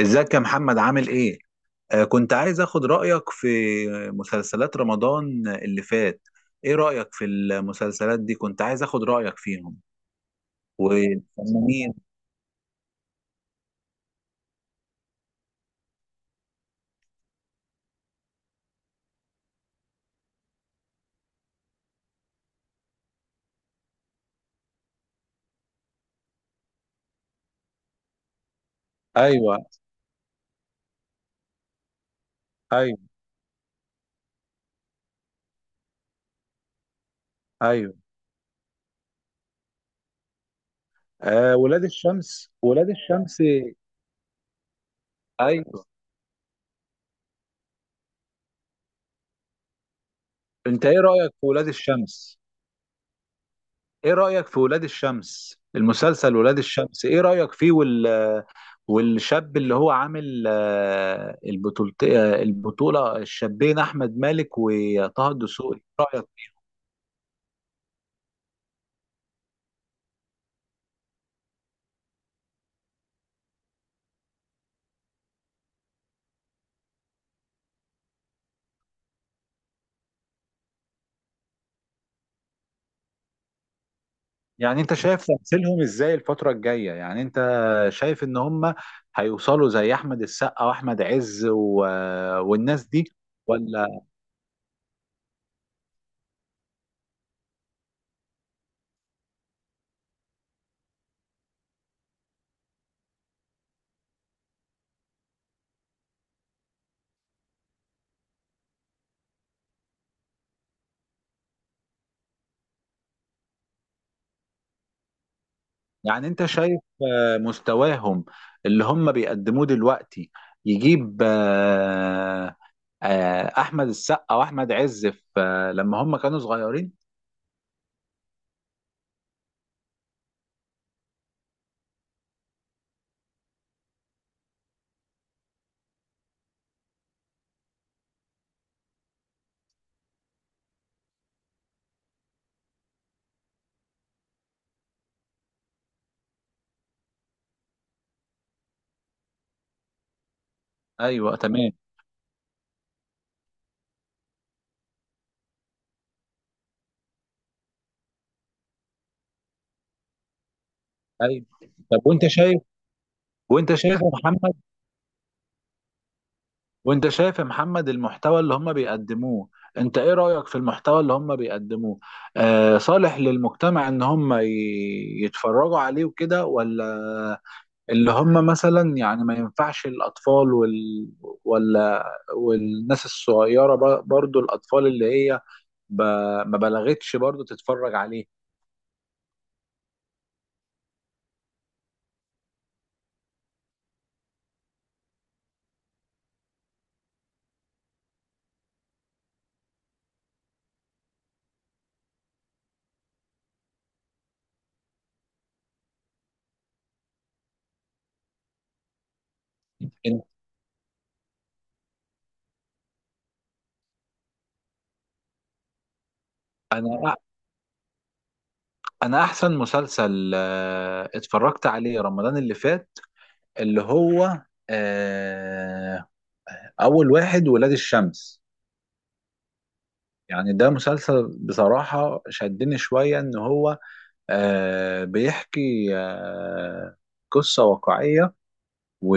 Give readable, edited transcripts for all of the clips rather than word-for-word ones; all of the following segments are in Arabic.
ازيك يا محمد؟ عامل ايه؟ كنت عايز اخد رأيك في مسلسلات رمضان اللي فات. ايه رأيك في المسلسلات دي؟ كنت عايز اخد رأيك فيهم والفنانين. ايوه. ايوه. ايوه. ولاد الشمس. ولاد الشمس. ايوه. انت ايه رايك في ولاد الشمس؟ ايه رأيك في ولاد الشمس، المسلسل ولاد الشمس، ايه رأيك فيه؟ والشاب اللي هو عامل البطولة، البطولة، الشابين احمد مالك وطه الدسوقي، ايه رأيك؟ يعني انت شايف تمثيلهم ازاي الفترة الجاية؟ يعني انت شايف ان هم هيوصلوا زي احمد السقا واحمد عز والناس دي، ولا؟ يعني انت شايف مستواهم اللي هم بيقدموه دلوقتي يجيب احمد السقا واحمد عز في لما هم كانوا صغيرين؟ ايوه، تمام. ايوه. طب وانت شايف، وانت شايف يا محمد، وانت شايف يا محمد، المحتوى اللي هم بيقدموه، انت ايه رأيك في المحتوى اللي هم بيقدموه؟ صالح للمجتمع ان هم يتفرجوا عليه وكده، ولا اللي هم مثلا يعني ما ينفعش الاطفال ولا والناس الصغيرة، برضو الاطفال اللي هي ما بلغتش، برضو تتفرج عليه؟ انا انا احسن مسلسل اتفرجت عليه رمضان اللي فات، اللي هو آه، اول واحد، ولاد الشمس. يعني ده مسلسل بصراحة شدني شوية، ان هو بيحكي قصة واقعية و-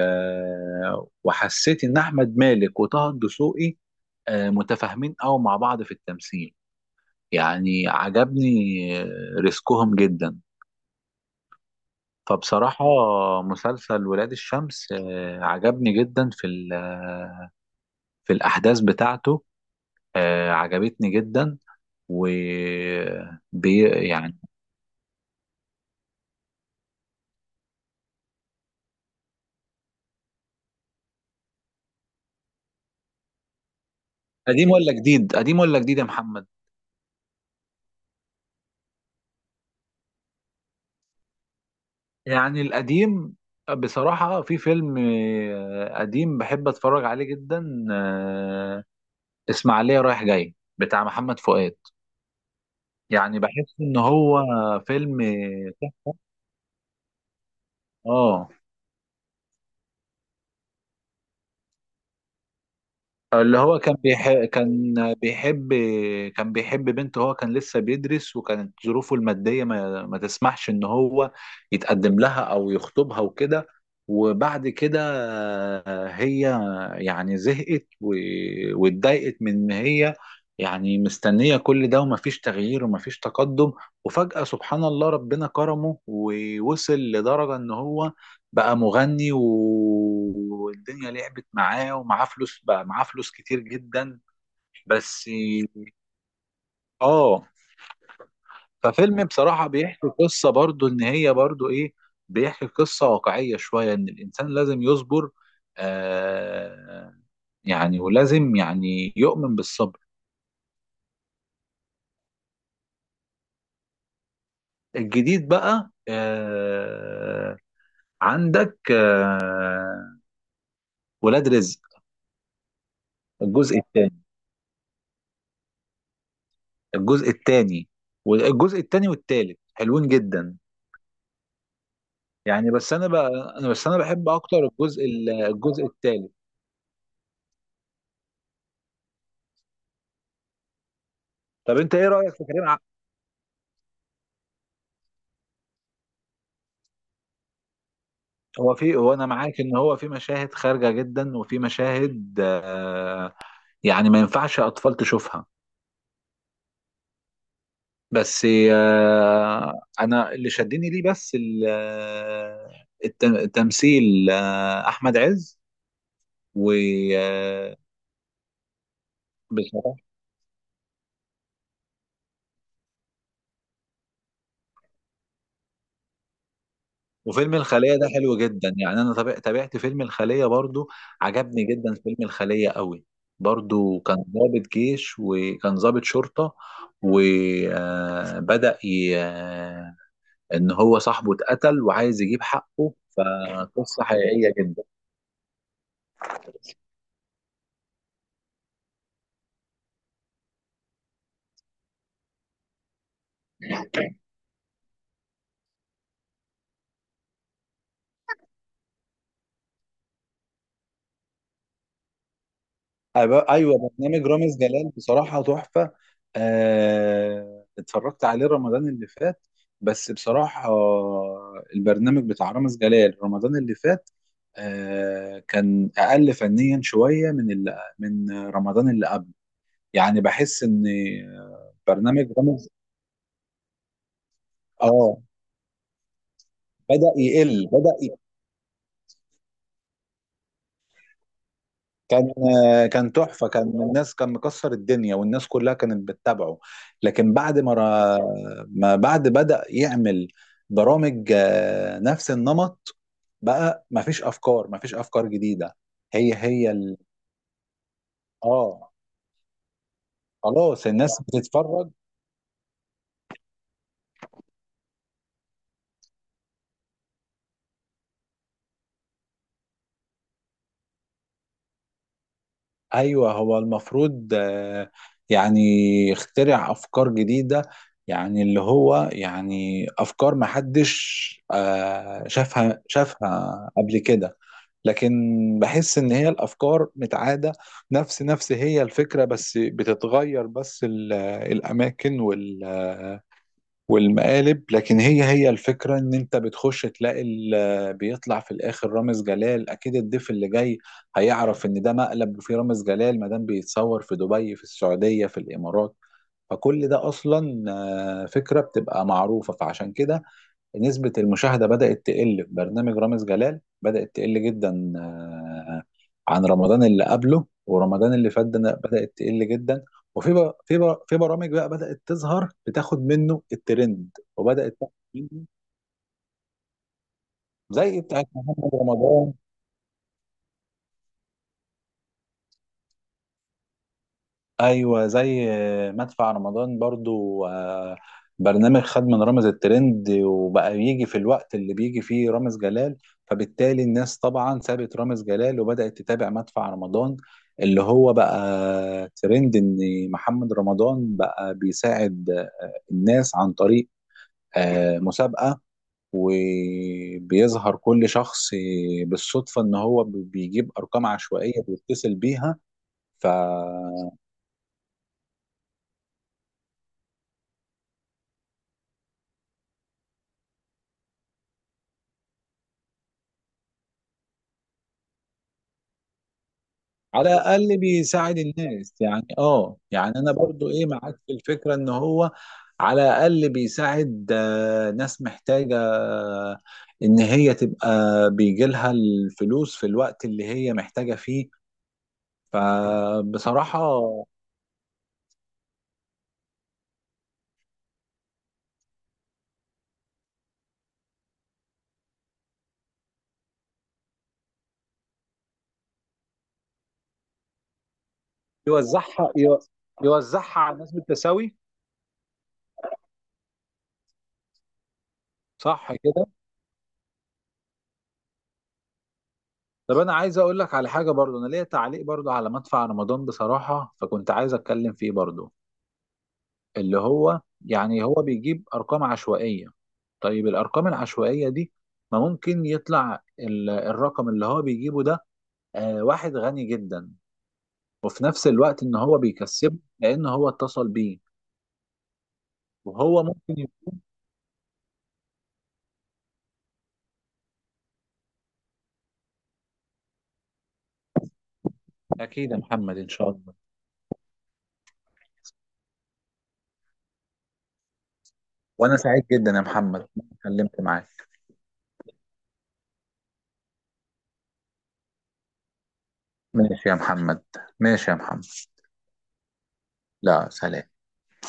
وحسيت ان احمد مالك وطه الدسوقي متفاهمين قوي مع بعض في التمثيل. يعني عجبني آه، ريسكهم جدا. فبصراحة مسلسل ولاد الشمس عجبني جدا في في الأحداث بتاعته، عجبتني جدا. و يعني قديم ولا جديد؟ قديم ولا جديد يا محمد؟ يعني القديم، بصراحة في فيلم قديم بحب أتفرج عليه جدا، إسماعيلية رايح جاي بتاع محمد فؤاد. يعني بحس إن هو فيلم تحفة. اه، اللي هو كان بيحب، كان بيحب، كان بيحب بنت، هو كان لسه بيدرس وكانت ظروفه المادية ما تسمحش ان هو يتقدم لها او يخطبها وكده. وبعد كده هي يعني زهقت واتضايقت من ان هي يعني مستنية كل ده، ومفيش تغيير ومفيش تقدم. وفجأة سبحان الله، ربنا كرمه ووصل لدرجة ان هو بقى مغني والدنيا لعبت معاه، ومعاه فلوس، بقى معاه فلوس كتير جدا. بس، اه، ففيلم بصراحة بيحكي قصة برضو ان هي برضو ايه، بيحكي قصة واقعية شوية، ان الانسان لازم يصبر، آه يعني ولازم يعني يؤمن بالصبر. الجديد بقى، آه، عندك آه، ولاد رزق الجزء الثاني، الجزء الثاني. والجزء الثاني والثالث حلوين جدا، يعني. بس انا بقى، انا بحب اكتر الجزء الثالث. طب انت ايه رايك في كريم ع...؟ هو في، هو انا معاك ان هو في مشاهد خارجه جدا، وفي مشاهد، آه، يعني ما ينفعش اطفال تشوفها. بس، انا اللي شدني ليه بس التمثيل. احمد عز و آه، بصراحة. وفيلم الخلية ده حلو جدا يعني. أنا تابعت فيلم الخلية برضو، عجبني جدا فيلم الخلية قوي. برضو كان ضابط جيش، وكان ضابط شرطة، وبدأ ي... آه، إن هو صاحبه اتقتل وعايز يجيب حقه، فقصة حقيقية جدا. ايوه، برنامج رامز جلال بصراحه تحفه. اتفرجت عليه رمضان اللي فات. بس بصراحه، البرنامج بتاع رامز جلال رمضان اللي فات كان اقل فنيا شويه من من رمضان اللي قبل. يعني بحس ان برنامج رامز، اه، بدأ يقل، بدأ. كان، كان تحفة، كان الناس، كان مكسر الدنيا والناس كلها كانت بتتابعه. لكن بعد ما بعد بدأ يعمل برامج نفس النمط، بقى ما فيش أفكار جديدة. هي هي ال... اه. خلاص الناس بتتفرج. ايوه، هو المفروض يعني يخترع افكار جديده، يعني اللي هو يعني افكار ما حدش شافها قبل كده. لكن بحس ان هي الافكار متعاده، نفس هي الفكره، بس بتتغير بس الاماكن والمقالب. لكن هي هي الفكرة، ان انت بتخش تلاقي بيطلع في الاخر رامز جلال. اكيد الضيف اللي جاي هيعرف ان ده مقلب وفيه رامز جلال، ما دام بيتصور في دبي، في السعودية، في الامارات. فكل ده اصلا فكرة بتبقى معروفة. فعشان كده نسبة المشاهدة بدأت تقل في برنامج رامز جلال، بدأت تقل جدا عن رمضان اللي قبله، ورمضان اللي فات ده بدأت تقل جدا. وفي بر- في بر- في برامج بقى بدأت تظهر بتاخد منه الترند، وبدأت تاخد منه، زي بتاعت محمد رمضان. ايوه، زي مدفع رمضان برضو، برنامج خد من رامز الترند، وبقى يجي في الوقت اللي بيجي فيه رامز جلال. فبالتالي الناس طبعا سابت رامز جلال وبدأت تتابع مدفع رمضان، اللي هو بقى ترند. ان محمد رمضان بقى بيساعد الناس عن طريق مسابقة، وبيظهر كل شخص بالصدفة، ان هو بيجيب ارقام عشوائية بيتصل بيها. ف على الاقل بيساعد الناس يعني. اه يعني انا برضو ايه معاك في الفكره، ان هو على الاقل بيساعد ناس محتاجه، ان هي تبقى بيجي لها الفلوس في الوقت اللي هي محتاجه فيه. فبصراحه يوزعها يو- يوزعها على الناس بالتساوي. صح كده. طب انا عايز اقول لك على حاجه، برضو انا ليا تعليق برضو على مدفع رمضان بصراحه، فكنت عايز اتكلم فيه برضو. اللي هو يعني هو بيجيب ارقام عشوائيه، طيب الارقام العشوائيه دي ما ممكن يطلع الرقم اللي هو بيجيبه ده واحد غني جدا، وفي نفس الوقت ان هو بيكسبه لان هو اتصل بيه، وهو ممكن يكون. اكيد يا محمد، ان شاء الله. وانا سعيد جدا يا محمد إن أنا اتكلمت معاك. ماشي يا محمد. ماشي يا محمد. لا، سلام.